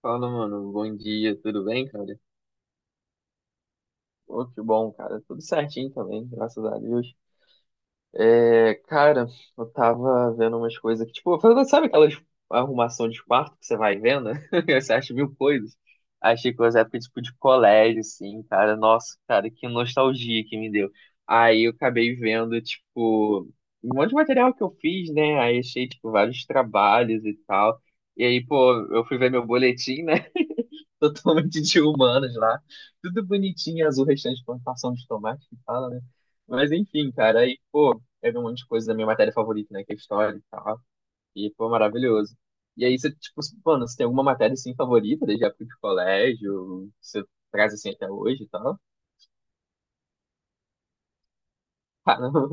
Fala, mano. Bom dia, tudo bem, cara? Pô, que bom, cara. Tudo certinho também, graças a Deus. É, cara, eu tava vendo umas coisas que, tipo, sabe aquelas arrumação de quarto que você vai vendo? Você acha mil coisas. Achei coisa época, tipo, de colégio, assim, cara. Nossa, cara, que nostalgia que me deu. Aí eu acabei vendo, tipo, um monte de material que eu fiz, né? Aí achei, tipo, vários trabalhos e tal. E aí, pô, eu fui ver meu boletim, né? totalmente de humanos lá. Tudo bonitinho, azul, restante de plantação de tomate que fala, né? Mas enfim, cara, aí, pô, eu um monte de coisa da minha matéria favorita, né? Que é história e tal. E foi maravilhoso. E aí você, tipo, mano, você tem alguma matéria assim favorita desde a época de colégio? Você traz assim até hoje e tal? Caramba.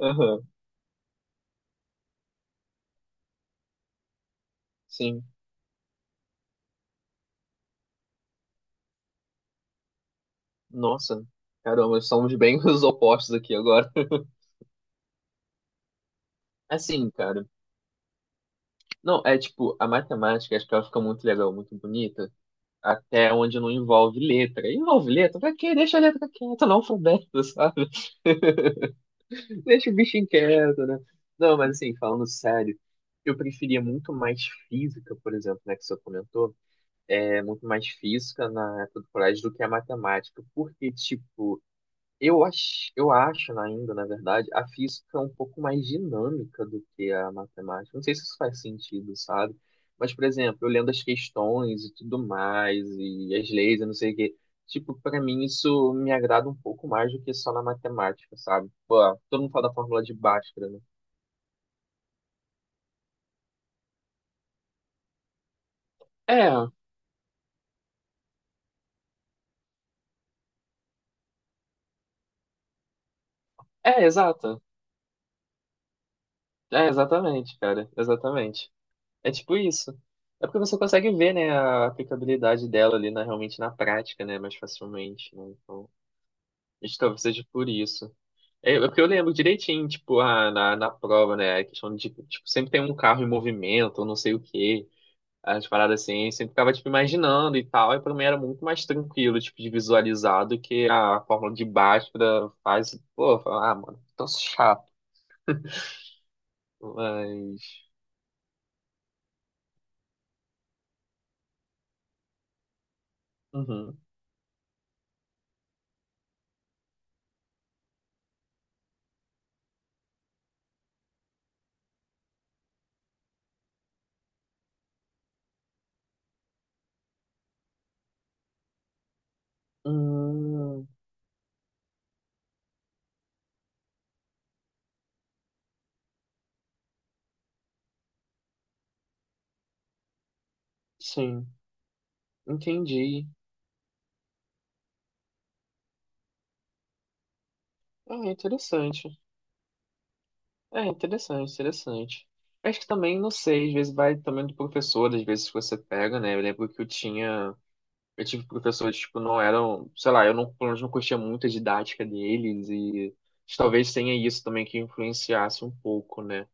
Aham. Sim. Nossa. Caramba, somos bem os opostos aqui agora. Assim, cara. Não, é tipo, a matemática, acho que ela fica muito legal, muito bonita até onde não envolve letra. Envolve letra? Pra quê? Deixa a letra quieta não alfabeto, sabe? Deixa o bicho quieto, né? Não, mas assim, falando sério, eu preferia muito mais física, por exemplo, né, que você comentou, é muito mais física na época do colégio do que a matemática, porque, tipo, eu acho ainda, na verdade, a física é um pouco mais dinâmica do que a matemática. Não sei se isso faz sentido, sabe? Mas, por exemplo, eu lendo as questões e tudo mais, e as leis, eu não sei o quê. Tipo, pra mim isso me agrada um pouco mais do que só na matemática, sabe? Pô, todo mundo fala da fórmula de Bhaskara, né? É, exato. É, exatamente, cara. Exatamente. É tipo isso. É porque você consegue ver, né, a aplicabilidade dela ali realmente na prática, né, mais facilmente, né? Então... Acho que talvez seja por isso. É porque eu lembro direitinho, tipo, ah, na prova, né? A questão de, tipo, sempre tem um carro em movimento, ou não sei o quê, as paradas assim, eu sempre ficava, tipo, imaginando e tal. E pra mim era muito mais tranquilo, tipo, de visualizar do que a fórmula de Bhaskara faz. Pô, fala, ah, mano, tão chato. Mas. Uhum. Hum, sim, entendi. Ah, interessante. É interessante, interessante. Acho que também, não sei, às vezes vai também do professor, às vezes você pega, né? Eu lembro que eu tinha, eu tive professores, que tipo, não eram, sei lá, eu não, pelo menos não curtia muito a didática deles e talvez tenha isso também que influenciasse um pouco, né?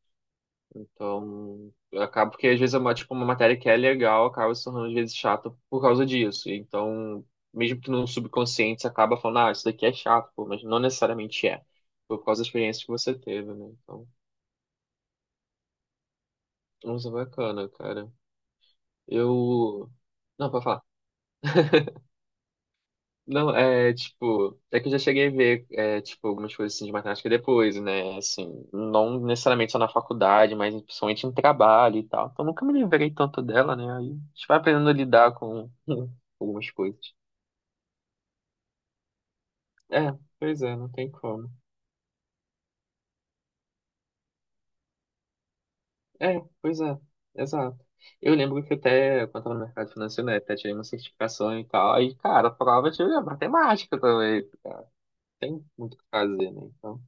Então, acaba porque às vezes é uma, tipo, uma matéria que é legal, acaba se tornando às vezes chata por causa disso. Então, mesmo que no subconsciente você acaba falando, ah, isso daqui é chato, pô, mas não necessariamente é, por causa da experiência que você teve, né? Então, nossa, bacana, cara. Eu. Não, pode falar. Não, é tipo. É que eu já cheguei a ver, é, tipo, algumas coisas assim de matemática depois, né? Assim, não necessariamente só na faculdade, mas principalmente em trabalho e tal. Então nunca me livrei tanto dela, né? Aí a gente vai aprendendo a lidar com algumas coisas. É, pois é, não tem como. É, pois é, exato. Eu lembro que até, quando eu tava no mercado financeiro, né, até tirei uma certificação e tal. Aí, cara, a prova tinha matemática também. Cara. Tem muito o que fazer, né? Então.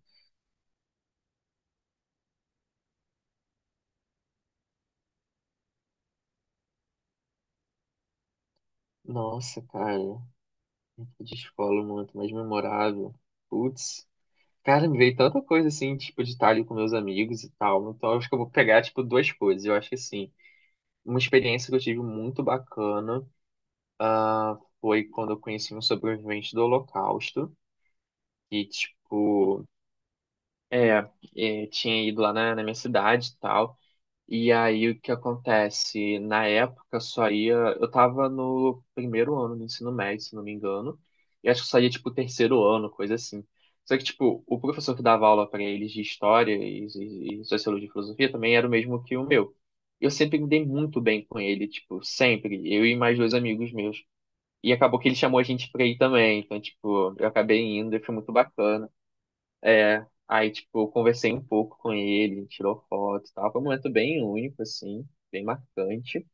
Nossa, cara, época de escola, um momento mais memorável. Putz, cara, me veio tanta coisa assim, tipo, de estar ali com meus amigos e tal. Então, eu acho que eu vou pegar, tipo, duas coisas. Eu acho que, assim, uma experiência que eu tive muito bacana foi quando eu conheci um sobrevivente do Holocausto, que, tipo, é, tinha ido lá na minha cidade e tal. E aí o que acontece? Na época só ia. Eu tava no primeiro ano do ensino médio, se não me engano. E acho que só ia tipo terceiro ano, coisa assim. Só que, tipo, o professor que dava aula pra eles de história e sociologia e filosofia também era o mesmo que o meu. Eu sempre me dei muito bem com ele, tipo, sempre. Eu e mais dois amigos meus. E acabou que ele chamou a gente pra ir também. Então, tipo, eu acabei indo e foi muito bacana. É, aí, tipo, eu conversei um pouco com ele, a gente tirou foto e tal. Foi um momento bem único, assim, bem marcante.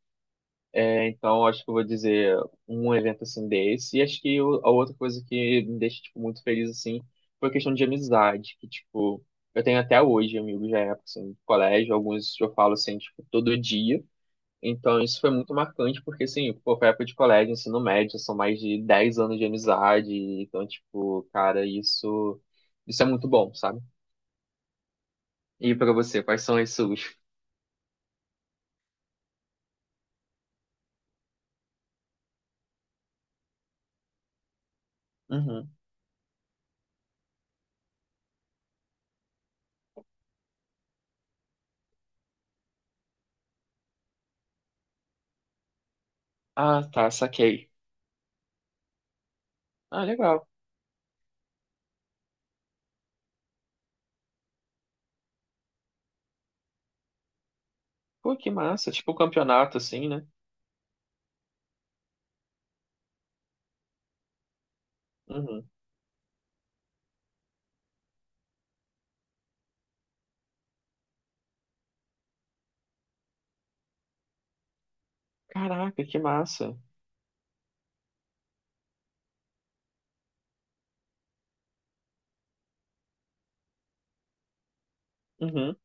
É, então, acho que eu vou dizer um evento, assim, desse. E acho que a outra coisa que me deixa, tipo, muito feliz, assim, foi a questão de amizade, que, tipo, eu tenho até hoje amigos da época, assim, do colégio. Alguns eu falo, assim, tipo, todo dia. Então, isso foi muito marcante, porque, assim, pô, foi época de colégio, ensino médio, são mais de 10 anos de amizade. Então, tipo, cara, isso... Isso é muito bom, sabe? E pra você, quais são as suas? Uhum. Ah, tá, saquei. Ah, legal. Pô, que massa. Tipo um campeonato, assim, né? Uhum. Caraca, que massa. Uhum.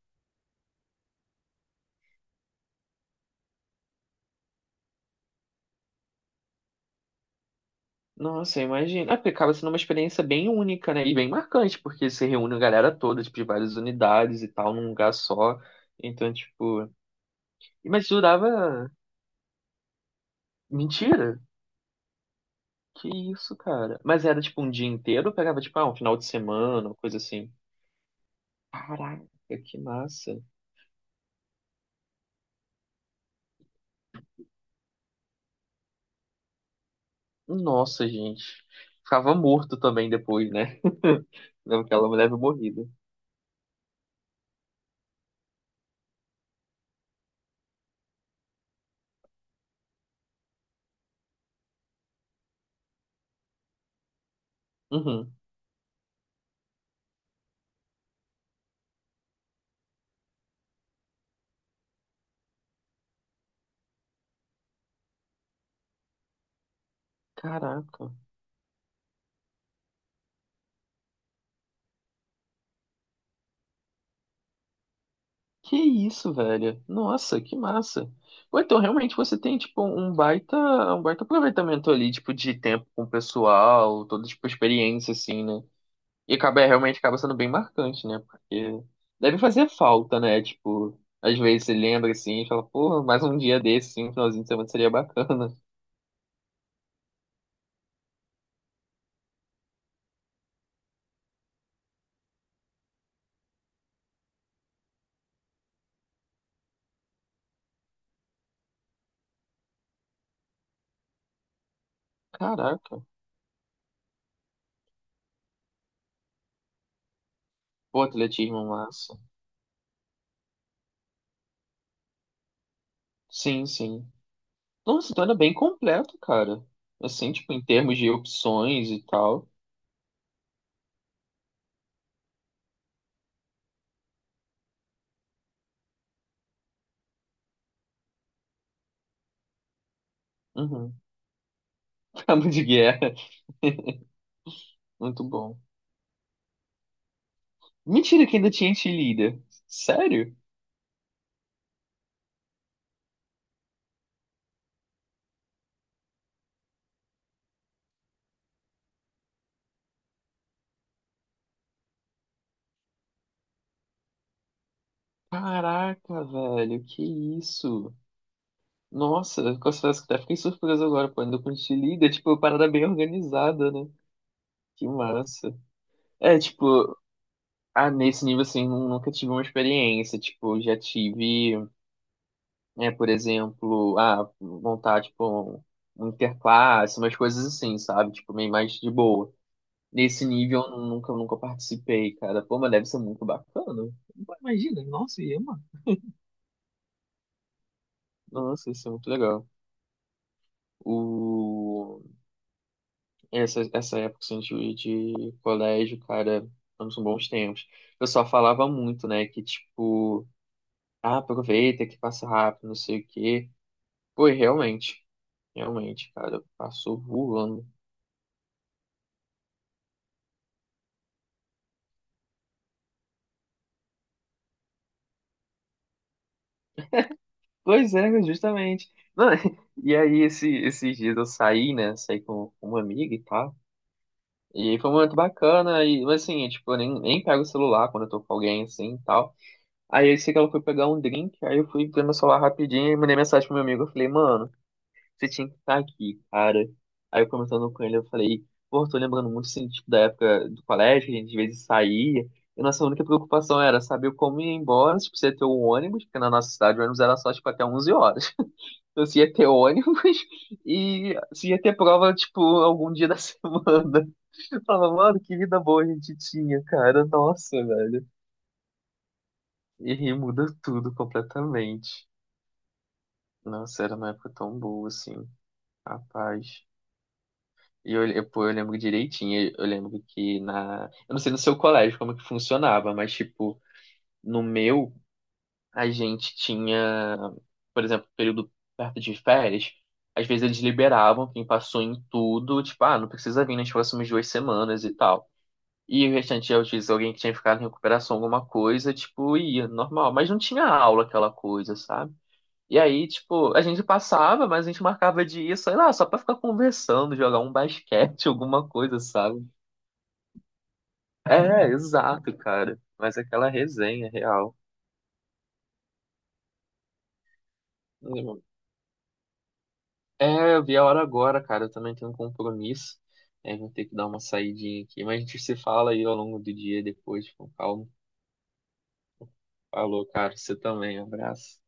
Nossa, imagina. Ah, porque acaba sendo uma experiência bem única, né? E bem marcante, porque se reúne a galera toda, tipo, de várias unidades e tal, num lugar só. Então, tipo. Mas durava. Mentira! Que isso, cara? Mas era tipo um dia inteiro ou pegava, tipo, ah, um final de semana, uma coisa assim? Caraca, que massa. Nossa, gente. Ficava morto também depois, né? Lembro que ela me leva morrida. Uhum. Caraca. Que isso, velho? Nossa, que massa. Ou então, realmente, você tem, tipo, um baita aproveitamento ali, tipo, de tempo com o pessoal, toda, tipo, experiência, assim, né? E acaba, é, realmente, acaba sendo bem marcante, né? Porque deve fazer falta, né? Tipo, às vezes você lembra, assim, e fala, pô, mais um dia desse, assim, um finalzinho de semana seria bacana. Caraca. Pô, atletismo massa. Sim, sim. Nossa, então era bem completo, cara. Assim, tipo, em termos de opções e tal. Uhum. Cabo de guerra. Muito bom. Mentira que ainda tinha cheerleader. Sério? Caraca, velho, que isso? Nossa, confesso que até fiquei surpreso agora, pô, ainda com cheerleader, tipo, uma parada bem organizada, né? Que massa. É, tipo, ah, nesse nível, assim, nunca tive uma experiência, tipo, já tive. É, por exemplo, ah, montar tipo um, um interclasse, umas coisas assim, sabe? Tipo, meio mais de boa. Nesse nível eu nunca, nunca participei, cara. Pô, mas deve ser muito bacana. Pô, imagina, nossa, ia, mano. Nossa, isso é muito legal. O... Essa época assim, de colégio, cara, foram bons tempos. O pessoal falava muito, né? Que tipo, ah, aproveita que passa rápido, não sei o quê. Pô, e realmente, cara, passou voando. Pois é, né, justamente. Não, e aí, esses dias eu saí, né? Saí com uma amiga e tal. E aí foi muito bacana. E, mas assim, tipo, eu nem pego o celular quando eu tô com alguém assim e tal. Aí eu sei que ela foi pegar um drink. Aí eu fui ver meu celular rapidinho e mandei mensagem pro meu amigo. Eu falei, mano, você tinha que estar aqui, cara. Aí eu comentando com ele, eu falei, pô, tô lembrando muito assim, tipo, da época do colégio, que a gente às vezes saía. E nossa única preocupação era saber como ir embora, se precisa ter um ônibus, porque na nossa cidade o ônibus era só, tipo, até 11h. Então, se ia ter ônibus e se ia ter prova, tipo, algum dia da semana. Eu falava, mano, que vida boa a gente tinha, cara. Nossa, velho. E aí muda tudo completamente. Nossa, era uma época tão boa, assim. Rapaz. E pô, eu lembro direitinho. Eu lembro que na. Eu não sei no seu colégio como que funcionava, mas, tipo, no meu a gente tinha, por exemplo, período perto de férias, às vezes eles liberavam quem passou em tudo, tipo, ah, não precisa vir nas próximas 2 semanas e tal. E o restante, às vezes, alguém que tinha ficado em recuperação, alguma coisa, tipo, ia, normal. Mas não tinha aula, aquela coisa, sabe? E aí, tipo, a gente passava, mas a gente marcava de ir, sei lá, só pra ficar conversando, jogar um basquete, alguma coisa, sabe? É, exato, cara. Mas aquela resenha real. É, eu vi a hora agora, cara. Eu também tenho um compromisso. É, vou ter que dar uma saidinha aqui. Mas a gente se fala aí ao longo do dia depois, com calma. Falou, cara. Você também. Um abraço.